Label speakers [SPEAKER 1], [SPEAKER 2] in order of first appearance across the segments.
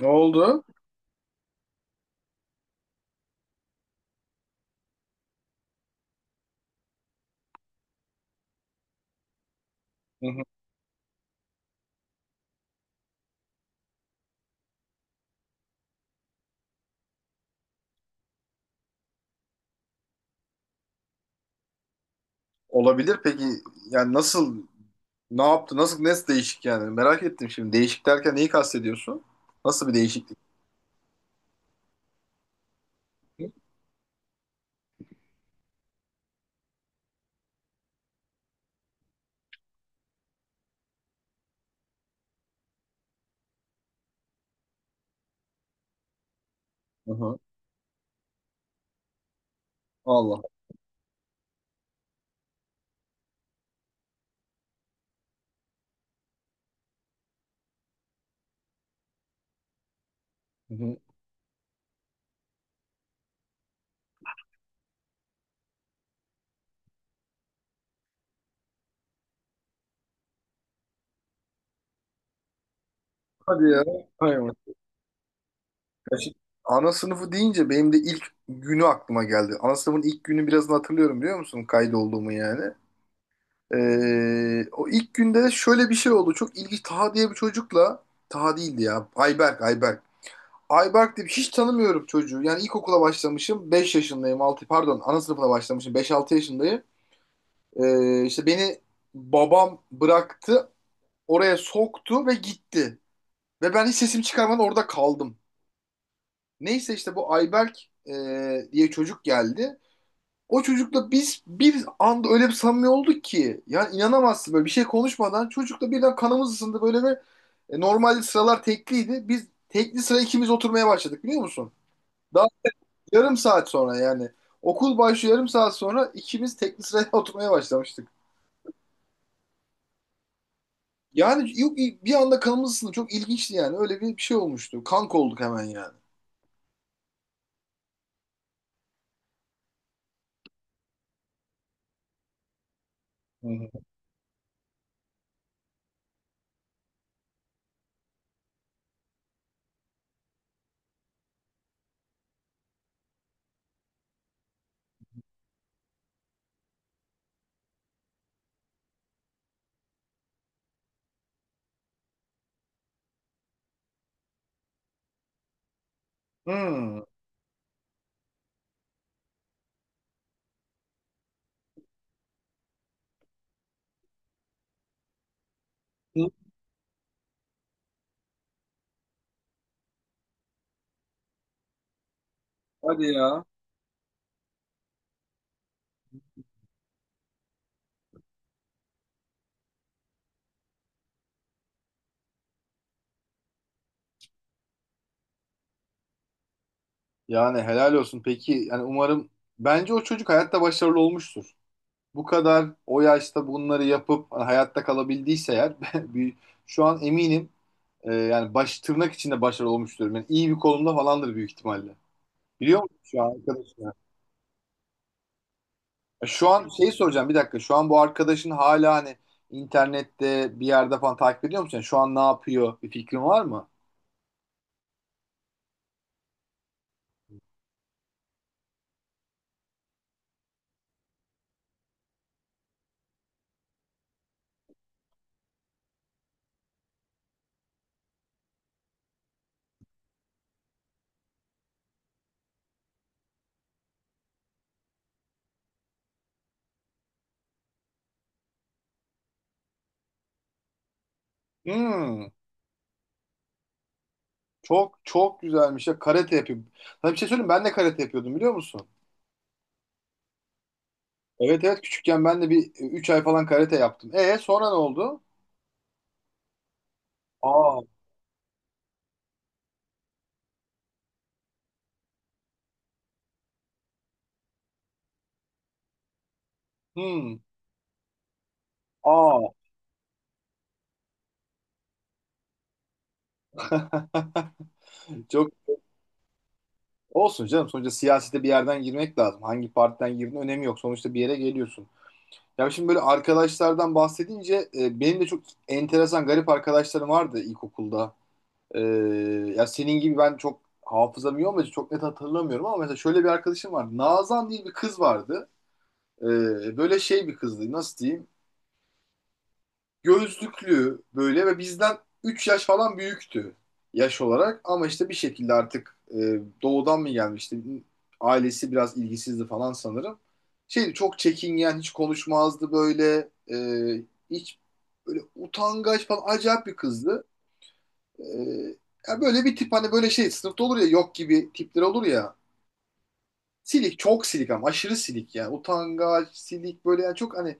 [SPEAKER 1] Ne oldu? Hı hı. Olabilir peki yani ne yaptı nasıl ne değişik yani merak ettim şimdi değişik derken neyi kastediyorsun? Nasıl bir değişiklik? Hı hı. Allah. Hı hı. Hadi ya. Hay Allah. Ya şimdi ana sınıfı deyince benim de ilk günü aklıma geldi. Ana sınıfın ilk günü birazını hatırlıyorum biliyor musun? Kaydolduğumu yani. O ilk günde de şöyle bir şey oldu. Çok ilginç. Taha diye bir çocukla Taha değildi ya. Ayberk, Ayberk. Ayberk diye hiç tanımıyorum çocuğu. Yani ilkokula başlamışım. Beş yaşındayım. Altı, pardon, ana sınıfına başlamışım. Beş altı yaşındayım. İşte beni babam bıraktı. Oraya soktu ve gitti. Ve ben hiç sesimi çıkarmadan orada kaldım. Neyse işte bu Ayberk e, diye çocuk geldi. O çocukla biz bir anda öyle bir samimi olduk ki. Yani inanamazsın, böyle bir şey konuşmadan çocukla birden kanımız ısındı böyle ve normalde sıralar tekliydi. Biz tekli sıra ikimiz oturmaya başladık biliyor musun? Daha yarım saat sonra yani. Okul başlıyor, yarım saat sonra ikimiz tekli sıraya oturmaya başlamıştık. Yani yok, bir anda kanımız ısındı. Çok ilginçti yani. Öyle bir şey olmuştu. Kanka olduk hemen yani. Hı hı. Hmm. Hı. Hadi ya. Yani helal olsun. Peki yani umarım bence o çocuk hayatta başarılı olmuştur. Bu kadar o yaşta bunları yapıp hani hayatta kalabildiyse eğer bir- şu an eminim yani baş tırnak içinde başarılı olmuştur. Yani iyi bir konumda falandır büyük ihtimalle. Biliyor musun şu an arkadaşım? Şu an şeyi soracağım, bir dakika. Şu an bu arkadaşın hala hani internette bir yerde falan takip ediyor musun? Yani şu an ne yapıyor? Bir fikrin var mı? Hmm, çok çok güzelmiş ya. Karate yapıyor. Sana bir şey söyleyeyim mi? Ben de karate yapıyordum biliyor musun? Evet evet, küçükken ben de bir 3 ay falan karate yaptım. E sonra ne oldu? Aa, hmm, aa. Çok olsun canım. Sonuçta siyasete bir yerden girmek lazım. Hangi partiden girdin önemi yok. Sonuçta bir yere geliyorsun. Ya şimdi böyle arkadaşlardan bahsedince benim de çok enteresan garip arkadaşlarım vardı ilkokulda. E, Ya senin gibi ben çok hafızam iyi olmadı, çok net hatırlamıyorum ama mesela şöyle bir arkadaşım vardı. Nazan diye bir kız vardı. Böyle şey bir kızdı, nasıl diyeyim? Gözlüklü böyle ve bizden 3 yaş falan büyüktü yaş olarak. Ama işte bir şekilde artık doğudan mı gelmişti? Ailesi biraz ilgisizdi falan sanırım. Şeydi, çok çekingen, hiç konuşmazdı böyle. Hiç böyle utangaç falan acayip bir kızdı. E, Ya böyle bir tip, hani böyle şey sınıfta olur ya, yok gibi tipler olur ya. Silik, çok silik ama aşırı silik yani, utangaç silik böyle yani, çok hani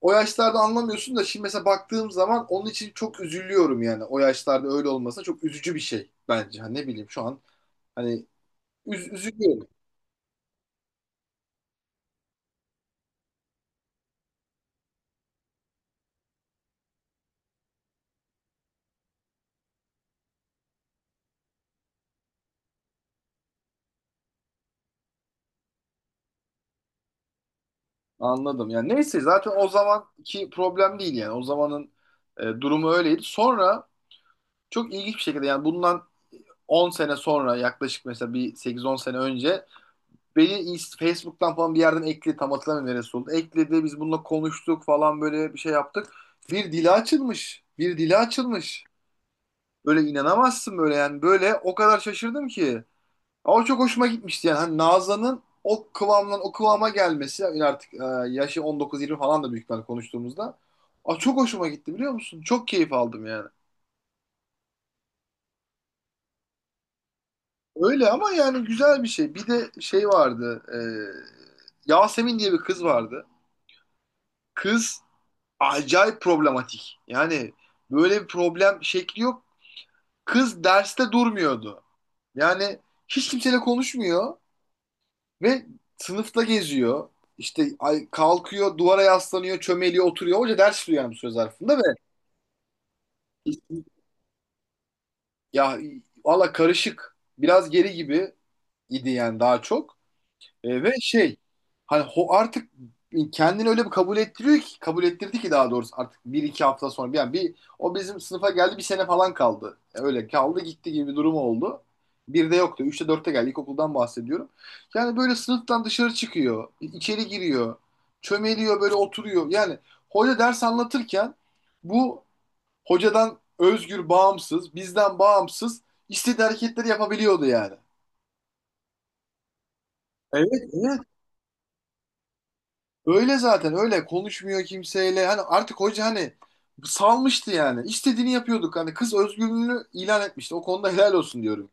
[SPEAKER 1] o yaşlarda anlamıyorsun da şimdi mesela baktığım zaman onun için çok üzülüyorum yani. O yaşlarda öyle olmasa çok üzücü bir şey bence. Hani ne bileyim, şu an hani üzülüyorum. Anladım. Yani neyse zaten o zamanki problem değil yani. O zamanın durumu öyleydi. Sonra çok ilginç bir şekilde yani bundan 10 sene sonra yaklaşık, mesela bir sekiz on sene önce beni Facebook'tan falan bir yerden ekledi. Tam hatırlamıyorum neresi oldu. Ekledi, biz bununla konuştuk falan, böyle bir şey yaptık. Bir dili açılmış. Bir dili açılmış. Böyle inanamazsın böyle yani. Böyle o kadar şaşırdım ki. Ama çok hoşuma gitmişti yani. Hani Nazan'ın o kıvamdan o kıvama gelmesi yani artık yaşı 19-20 falan da büyük ihtimalle konuştuğumuzda. Aa, çok hoşuma gitti biliyor musun? Çok keyif aldım yani. Öyle ama yani güzel bir şey. Bir de şey vardı. Yasemin diye bir kız vardı. Kız acayip problematik. Yani böyle bir problem şekli yok. Kız derste durmuyordu. Yani hiç kimseyle konuşmuyor. Ve sınıfta geziyor. İşte kalkıyor, duvara yaslanıyor, çömeliyor, oturuyor. Hoca ders tutuyor yani bu söz zarfında ya valla karışık. Biraz geri gibi idi yani, daha çok. Ve şey, hani artık kendini öyle bir kabul ettiriyor ki, kabul ettirdi ki daha doğrusu, artık bir iki hafta sonra yani bir o bizim sınıfa geldi, bir sene falan kaldı. Öyle kaldı gitti gibi bir durum oldu. Bir de yoktu. Üçte dörtte geldi. İlkokuldan bahsediyorum. Yani böyle sınıftan dışarı çıkıyor, içeri giriyor. Çömeliyor böyle, oturuyor. Yani hoca ders anlatırken bu hocadan özgür, bağımsız, bizden bağımsız istediği hareketleri yapabiliyordu yani. Evet, evet. Öyle zaten, öyle konuşmuyor kimseyle. Hani artık hoca hani salmıştı yani. İstediğini yapıyorduk. Hani kız özgürlüğünü ilan etmişti. O konuda helal olsun diyorum.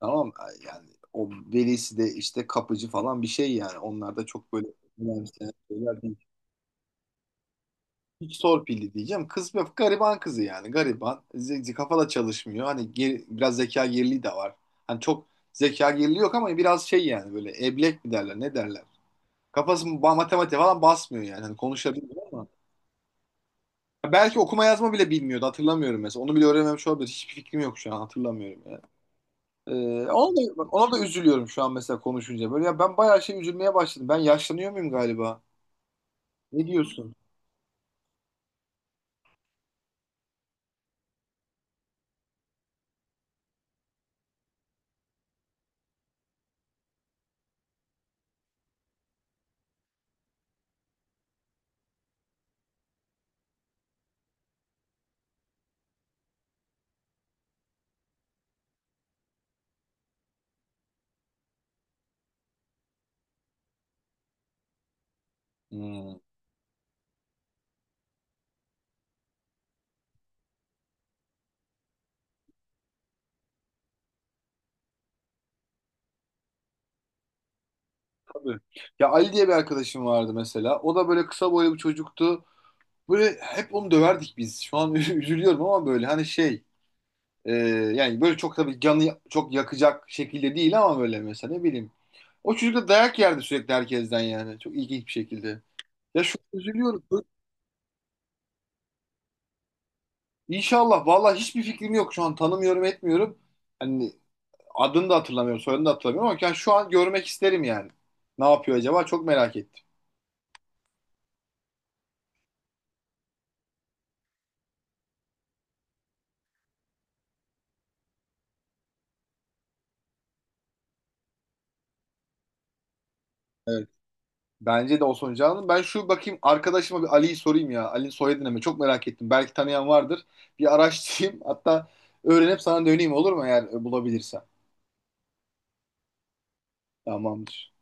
[SPEAKER 1] Tamam yani o velisi de işte kapıcı falan bir şey yani. Onlar da çok böyle önemseyen şeyler değil. Hiç torpilli diyeceğim. Kız bir gariban kızı yani. Gariban. Kafada çalışmıyor. Hani biraz zeka geriliği de var. Hani çok zeka geriliği yok ama biraz şey yani, böyle eblek mi derler, ne derler. Kafası matematik falan basmıyor yani. Hani konuşabiliyor ama. Belki okuma yazma bile bilmiyordu. Hatırlamıyorum mesela. Onu bile öğrenmemiş olabilir. Hiçbir fikrim yok şu an. Hatırlamıyorum yani. Ee, ona da üzülüyorum şu an mesela konuşunca. Böyle ya, ben bayağı şey üzülmeye başladım. Ben yaşlanıyor muyum galiba? Ne diyorsun? Hmm, tabii. Ya Ali diye bir arkadaşım vardı mesela. O da böyle kısa boylu bir çocuktu. Böyle hep onu döverdik biz. Şu an üzülüyorum ama böyle hani şey e, yani böyle çok tabii canı çok yakacak şekilde değil ama böyle mesela ne bileyim. O çocuk da dayak yerdi sürekli herkesten yani. Çok ilginç bir şekilde. Ya şu an üzülüyorum. İnşallah. Vallahi hiçbir fikrim yok şu an. Tanımıyorum, etmiyorum. Hani adını da hatırlamıyorum, soyadını da hatırlamıyorum ama yani şu an görmek isterim yani. Ne yapıyor acaba? Çok merak ettim. Evet. Bence de Osman Can'ın. Ben şu bakayım arkadaşıma, bir Ali'yi sorayım ya. Ali'nin soyadını mı? Çok merak ettim. Belki tanıyan vardır. Bir araştırayım. Hatta öğrenip sana döneyim, olur mu, eğer bulabilirsem. Tamamdır.